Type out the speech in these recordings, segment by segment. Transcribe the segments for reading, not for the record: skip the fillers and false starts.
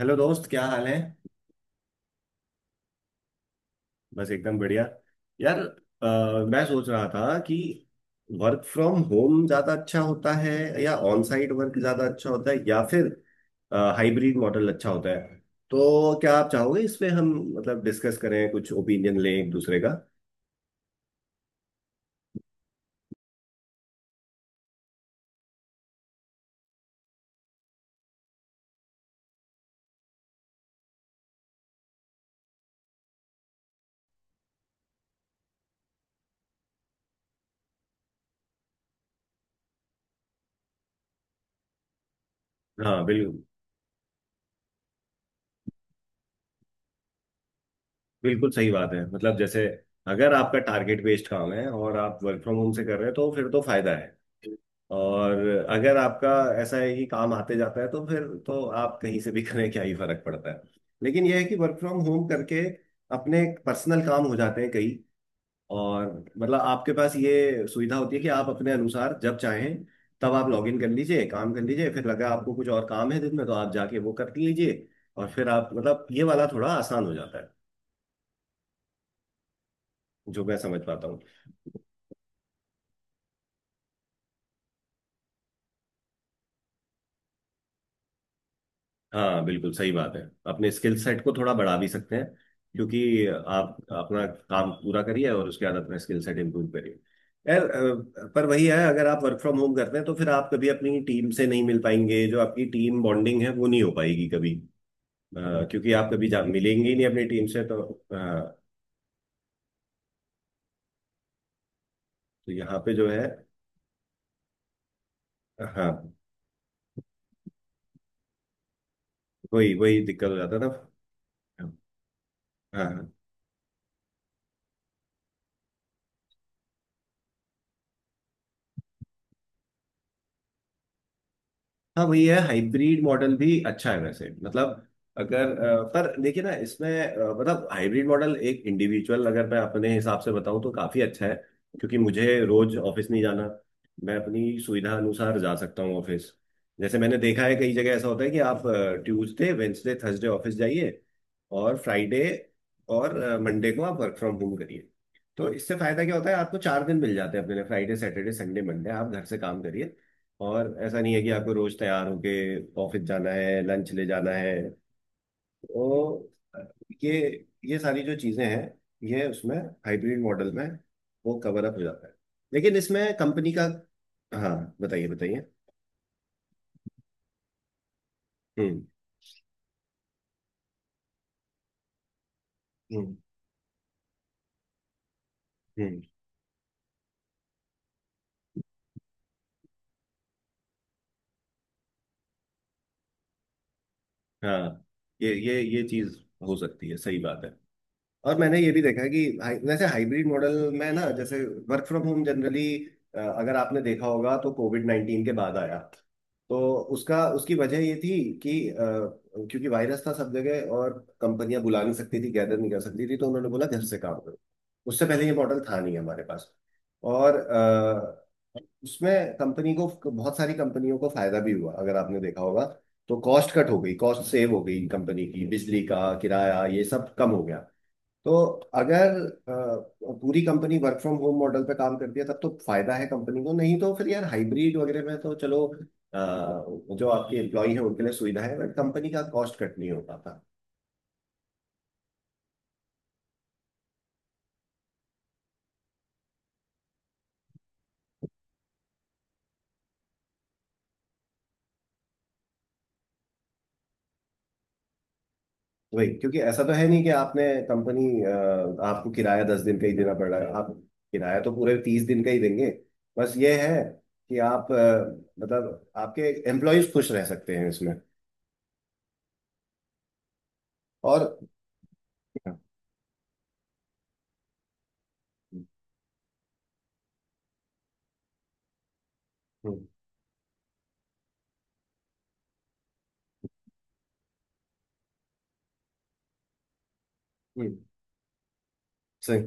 Hello दोस्त क्या हाल है। बस एकदम बढ़िया। यार मैं सोच रहा था कि वर्क फ्रॉम होम ज़्यादा अच्छा होता है या ऑन साइट वर्क ज़्यादा अच्छा होता है या फिर हाइब्रिड मॉडल अच्छा होता है। तो क्या आप चाहोगे इस पे हम मतलब डिस्कस करें, कुछ ओपिनियन लें एक दूसरे का। हाँ, बिल्कुल बिल्कुल सही बात है। मतलब जैसे अगर आपका टारगेट बेस्ड काम है और आप वर्क फ्रॉम होम से कर रहे हैं तो फिर तो फायदा है। और अगर आपका ऐसा है कि काम आते जाता है तो फिर तो आप कहीं से भी करें, क्या ही फर्क पड़ता है। लेकिन यह है कि वर्क फ्रॉम होम करके अपने पर्सनल काम हो जाते हैं कई। और मतलब आपके पास ये सुविधा होती है कि आप अपने अनुसार जब चाहें तब आप लॉग इन कर लीजिए, काम कर लीजिए, फिर लगा आपको कुछ और काम है दिन में तो आप जाके वो कर लीजिए। और फिर आप मतलब ये वाला थोड़ा आसान हो जाता है जो मैं समझ पाता हूँ। हाँ, बिल्कुल सही बात है। अपने स्किल सेट को थोड़ा बढ़ा भी सकते हैं क्योंकि आप अपना काम पूरा करिए और उसके बाद अपना स्किल सेट इम्प्रूव करिए। यार पर वही है, अगर आप वर्क फ्रॉम होम करते हैं तो फिर आप कभी अपनी टीम से नहीं मिल पाएंगे, जो आपकी टीम बॉन्डिंग है वो नहीं हो पाएगी कभी। अ, क्योंकि आप कभी जा मिलेंगे ही नहीं अपनी टीम से, तो तो यहाँ पे जो है। हाँ, वही वही दिक्कत हो जाता था। हाँ। हाँ। हाँ, वही है, हाइब्रिड मॉडल भी अच्छा है वैसे मतलब। अगर पर देखिए ना, इसमें मतलब हाइब्रिड मॉडल एक इंडिविजुअल अगर मैं अपने हिसाब से बताऊं तो काफी अच्छा है, क्योंकि मुझे रोज ऑफिस नहीं जाना। मैं अपनी सुविधा अनुसार जा सकता हूँ ऑफिस। जैसे मैंने देखा है, कई जगह ऐसा होता है कि आप ट्यूसडे वेंसडे थर्सडे ऑफिस जाइए और फ्राइडे और मंडे को आप वर्क फ्रॉम होम करिए। तो इससे फायदा क्या होता है, आपको 4 दिन मिल जाते हैं अपने लिए, फ्राइडे सैटरडे संडे मंडे आप घर से काम करिए। और ऐसा नहीं है कि आपको रोज तैयार होके ऑफिस जाना है, लंच ले जाना है। तो ये ये सारी जो चीजें हैं, ये उसमें, हाइब्रिड मॉडल में, वो कवर अप हो जाता है। लेकिन इसमें कंपनी का, हाँ, बताइए बताइए। हम्म। हम्म। हम्म। हाँ, ये चीज हो सकती है, सही बात है। और मैंने ये भी देखा है कि वैसे हाइब्रिड मॉडल में ना, जैसे वर्क फ्रॉम होम जनरली अगर आपने देखा होगा तो कोविड 19 के बाद आया। तो उसका उसकी वजह ये थी कि क्योंकि वायरस था सब जगह, और कंपनियां बुला नहीं सकती थी, गैदर नहीं कर सकती थी, तो उन्होंने बोला घर से काम करो। उससे पहले ये मॉडल था नहीं हमारे पास। और उसमें कंपनी को, बहुत सारी कंपनियों को फायदा भी हुआ अगर आपने देखा होगा। तो कॉस्ट कट हो गई, कॉस्ट सेव हो गई कंपनी की, बिजली का किराया ये सब कम हो गया। तो अगर पूरी company work from home model पे काम करती है तब तो फायदा है कंपनी को, नहीं तो फिर यार हाइब्रिड वगैरह में तो चलो जो आपके एम्प्लॉई है उनके लिए सुविधा है, बट कंपनी का कॉस्ट कट नहीं हो पाता। वही, क्योंकि ऐसा तो है नहीं कि आपने कंपनी, आपको किराया 10 दिन का ही देना पड़ रहा है, आप किराया तो पूरे 30 दिन का ही देंगे। बस ये है कि आप मतलब आपके एम्प्लॉयज खुश रह सकते हैं इसमें। और हम्म। हम्म। सही,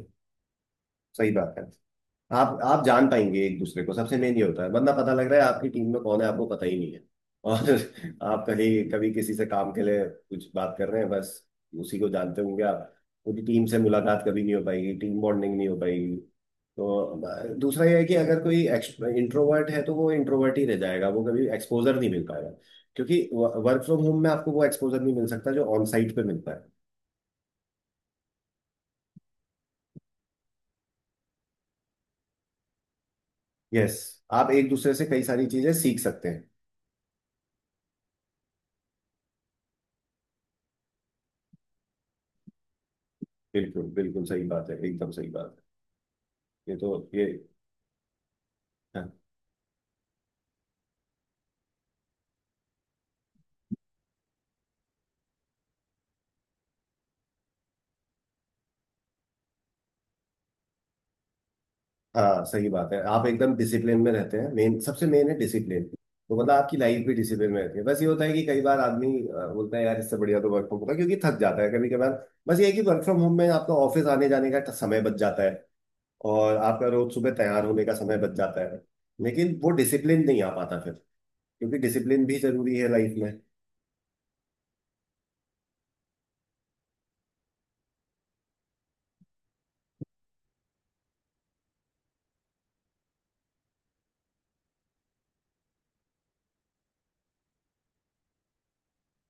सही बात है। आप जान पाएंगे एक दूसरे को, सबसे मेन ये होता है। वरना पता लग रहा है आपकी टीम में कौन है आपको पता ही नहीं है, और आप कहीं कभी किसी से काम के लिए कुछ बात कर रहे हैं बस उसी को जानते होंगे आप। पूरी टीम से मुलाकात कभी नहीं हो पाएगी, टीम बॉन्डिंग नहीं हो पाएगी। तो दूसरा यह है कि अगर कोई इंट्रोवर्ट है तो वो इंट्रोवर्ट ही रह जाएगा, वो कभी एक्सपोजर नहीं मिल पाएगा। क्योंकि वर्क फ्रॉम होम में आपको वो एक्सपोजर नहीं मिल सकता जो ऑन साइट पे मिलता है। यस, आप एक दूसरे से कई सारी चीजें सीख सकते हैं। बिल्कुल बिल्कुल सही बात है, एकदम सही बात है। ये तो ये, हाँ। हाँ, सही बात है, आप एकदम डिसिप्लिन में रहते हैं। मेन, सबसे मेन है डिसिप्लिन। तो मतलब आपकी लाइफ भी डिसिप्लिन में रहती है। बस ये होता है कि कई बार आदमी बोलता है यार इससे बढ़िया तो वर्क फ्रॉम होता है क्योंकि थक जाता है कभी कभार। बस ये है कि वर्क फ्रॉम होम में आपका ऑफिस आने जाने का समय बच जाता है, और आपका रोज सुबह तैयार होने का समय बच जाता है। लेकिन वो डिसिप्लिन नहीं आ पाता फिर, क्योंकि डिसिप्लिन भी जरूरी है लाइफ में।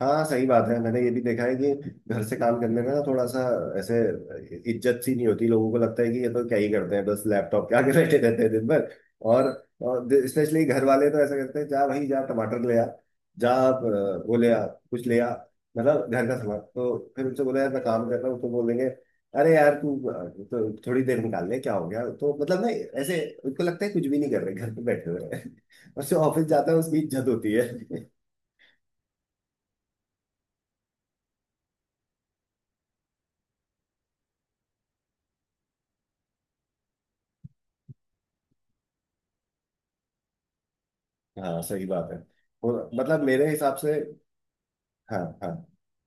हाँ, सही बात है। मैंने ये भी देखा है कि घर से काम करने में ना थोड़ा सा ऐसे इज्जत सी नहीं होती। लोगों को लगता है कि ये तो क्या ही करते हैं, बस लैपटॉप क्या के आगे बैठे रहते हैं दिन भर। और, और स्पेशली घर वाले तो ऐसा करते हैं, जा भाई जा टमाटर ले आ, जा वो ले आ, कुछ ले आ। मतलब घर का सामान, तो फिर उनसे बोला यार मैं काम कर रहा हूँ तो बोलेंगे अरे यार तू तो थोड़ी देर निकाल ले, क्या हो गया। तो मतलब ना, ऐसे उनको लगता है कुछ भी नहीं कर रहे घर पे बैठे हुए हैं। और जो ऑफिस जाता है उसकी इज्जत होती है। हाँ, सही बात है और मतलब मेरे हिसाब से। हाँ हाँ,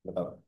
बताओ।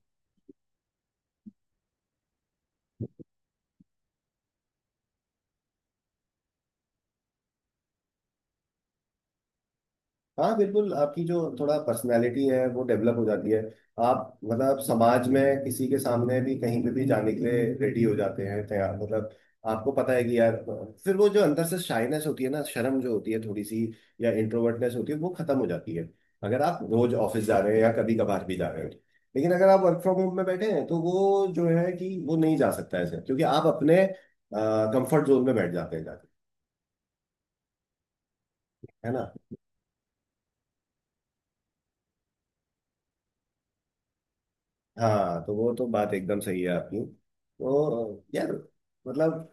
हाँ बिल्कुल, आपकी जो थोड़ा पर्सनालिटी है वो डेवलप हो जाती है। आप मतलब आप समाज में किसी के सामने भी कहीं पे भी जाने के लिए रेडी हो जाते हैं, तैयार मतलब। आपको पता है कि यार, फिर वो जो अंदर से शाइनेस होती है ना, शर्म जो होती है थोड़ी सी या इंट्रोवर्टनेस होती है वो खत्म हो जाती है, अगर आप रोज ऑफिस जा रहे हैं या कभी कभार भी जा रहे हो। लेकिन अगर आप वर्क फ्रॉम होम में बैठे हैं तो वो जो है कि वो नहीं जा सकता ऐसे, क्योंकि आप अपने कंफर्ट जोन में बैठ जाते हैं जाके। है ना। हाँ, तो वो तो बात एकदम सही है आपकी तो यार। मतलब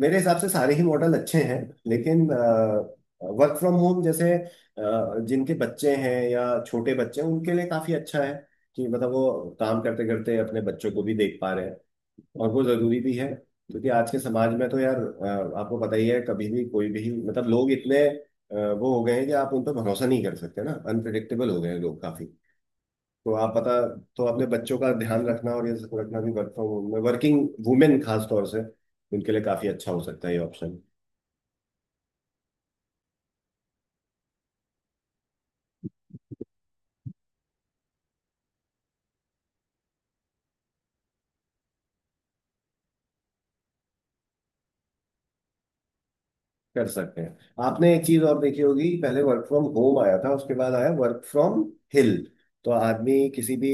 मेरे हिसाब से सारे ही मॉडल अच्छे हैं। लेकिन वर्क फ्रॉम होम जैसे जिनके बच्चे हैं या छोटे बच्चे हैं उनके लिए काफी अच्छा है कि मतलब वो काम करते करते अपने बच्चों को भी देख पा रहे हैं। और वो जरूरी भी है, क्योंकि आज के समाज में तो यार आपको पता ही है कभी भी कोई भी, मतलब लोग इतने वो हो गए हैं कि आप उन पर भरोसा नहीं कर सकते ना, अनप्रिडिक्टेबल हो गए हैं लोग काफी। तो आप पता, तो अपने बच्चों का ध्यान रखना और ये सब रखना भी, वर्क फ्रॉम होम में वर्किंग वुमेन खास तौर से उनके लिए काफी अच्छा हो सकता है ये ऑप्शन। कर सकते हैं। आपने एक चीज और देखी होगी, पहले वर्क फ्रॉम होम आया था, उसके बाद आया वर्क फ्रॉम हिल। तो आदमी किसी भी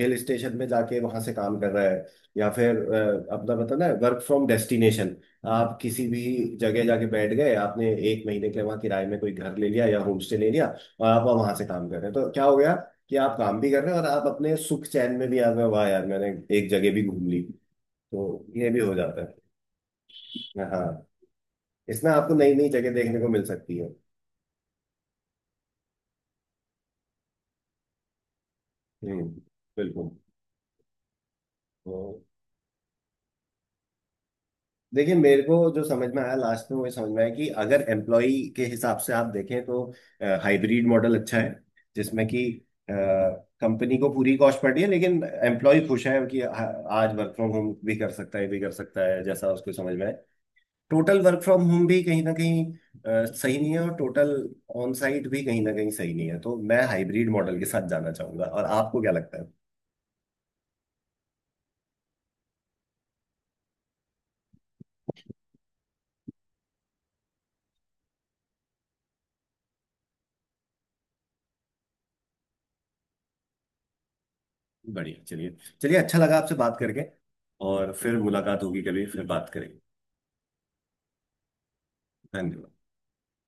हिल स्टेशन में जाके वहां से काम कर रहा है। या फिर अपना बताना है, वर्क फ्रॉम डेस्टिनेशन। आप किसी भी जगह जाके बैठ गए, आपने एक महीने के लिए वहां किराए में कोई घर ले लिया या होम स्टे ले लिया, और आप वहां से काम कर रहे हैं। तो क्या हो गया, कि आप काम भी कर रहे हैं और आप अपने सुख चैन में भी आ गए, वाह यार मैंने एक जगह भी घूम ली। तो ये भी हो जाता है। हाँ, इसमें आपको नई नई जगह देखने को मिल सकती है। हम्म, बिल्कुल। तो देखिए, मेरे को जो समझ में आया लास्ट में, वो ये समझ में आया कि अगर एम्प्लॉय के हिसाब से आप देखें तो हाइब्रिड मॉडल अच्छा है, जिसमें कि कंपनी को पूरी कॉस्ट पड़ रही है लेकिन एम्प्लॉय खुश है कि आज वर्क फ्रॉम होम भी कर सकता है, भी कर सकता है जैसा उसको समझ में आए। टोटल वर्क फ्रॉम होम भी कहीं ना कहीं सही नहीं है, और टोटल ऑन साइट भी कहीं ना कहीं सही नहीं है, तो मैं हाइब्रिड मॉडल के साथ जाना चाहूंगा, और आपको क्या लगता है। बढ़िया, चलिए। चलिए, अच्छा लगा आपसे बात करके। और फिर मुलाकात होगी कभी, फिर बात करेंगे। धन्यवाद।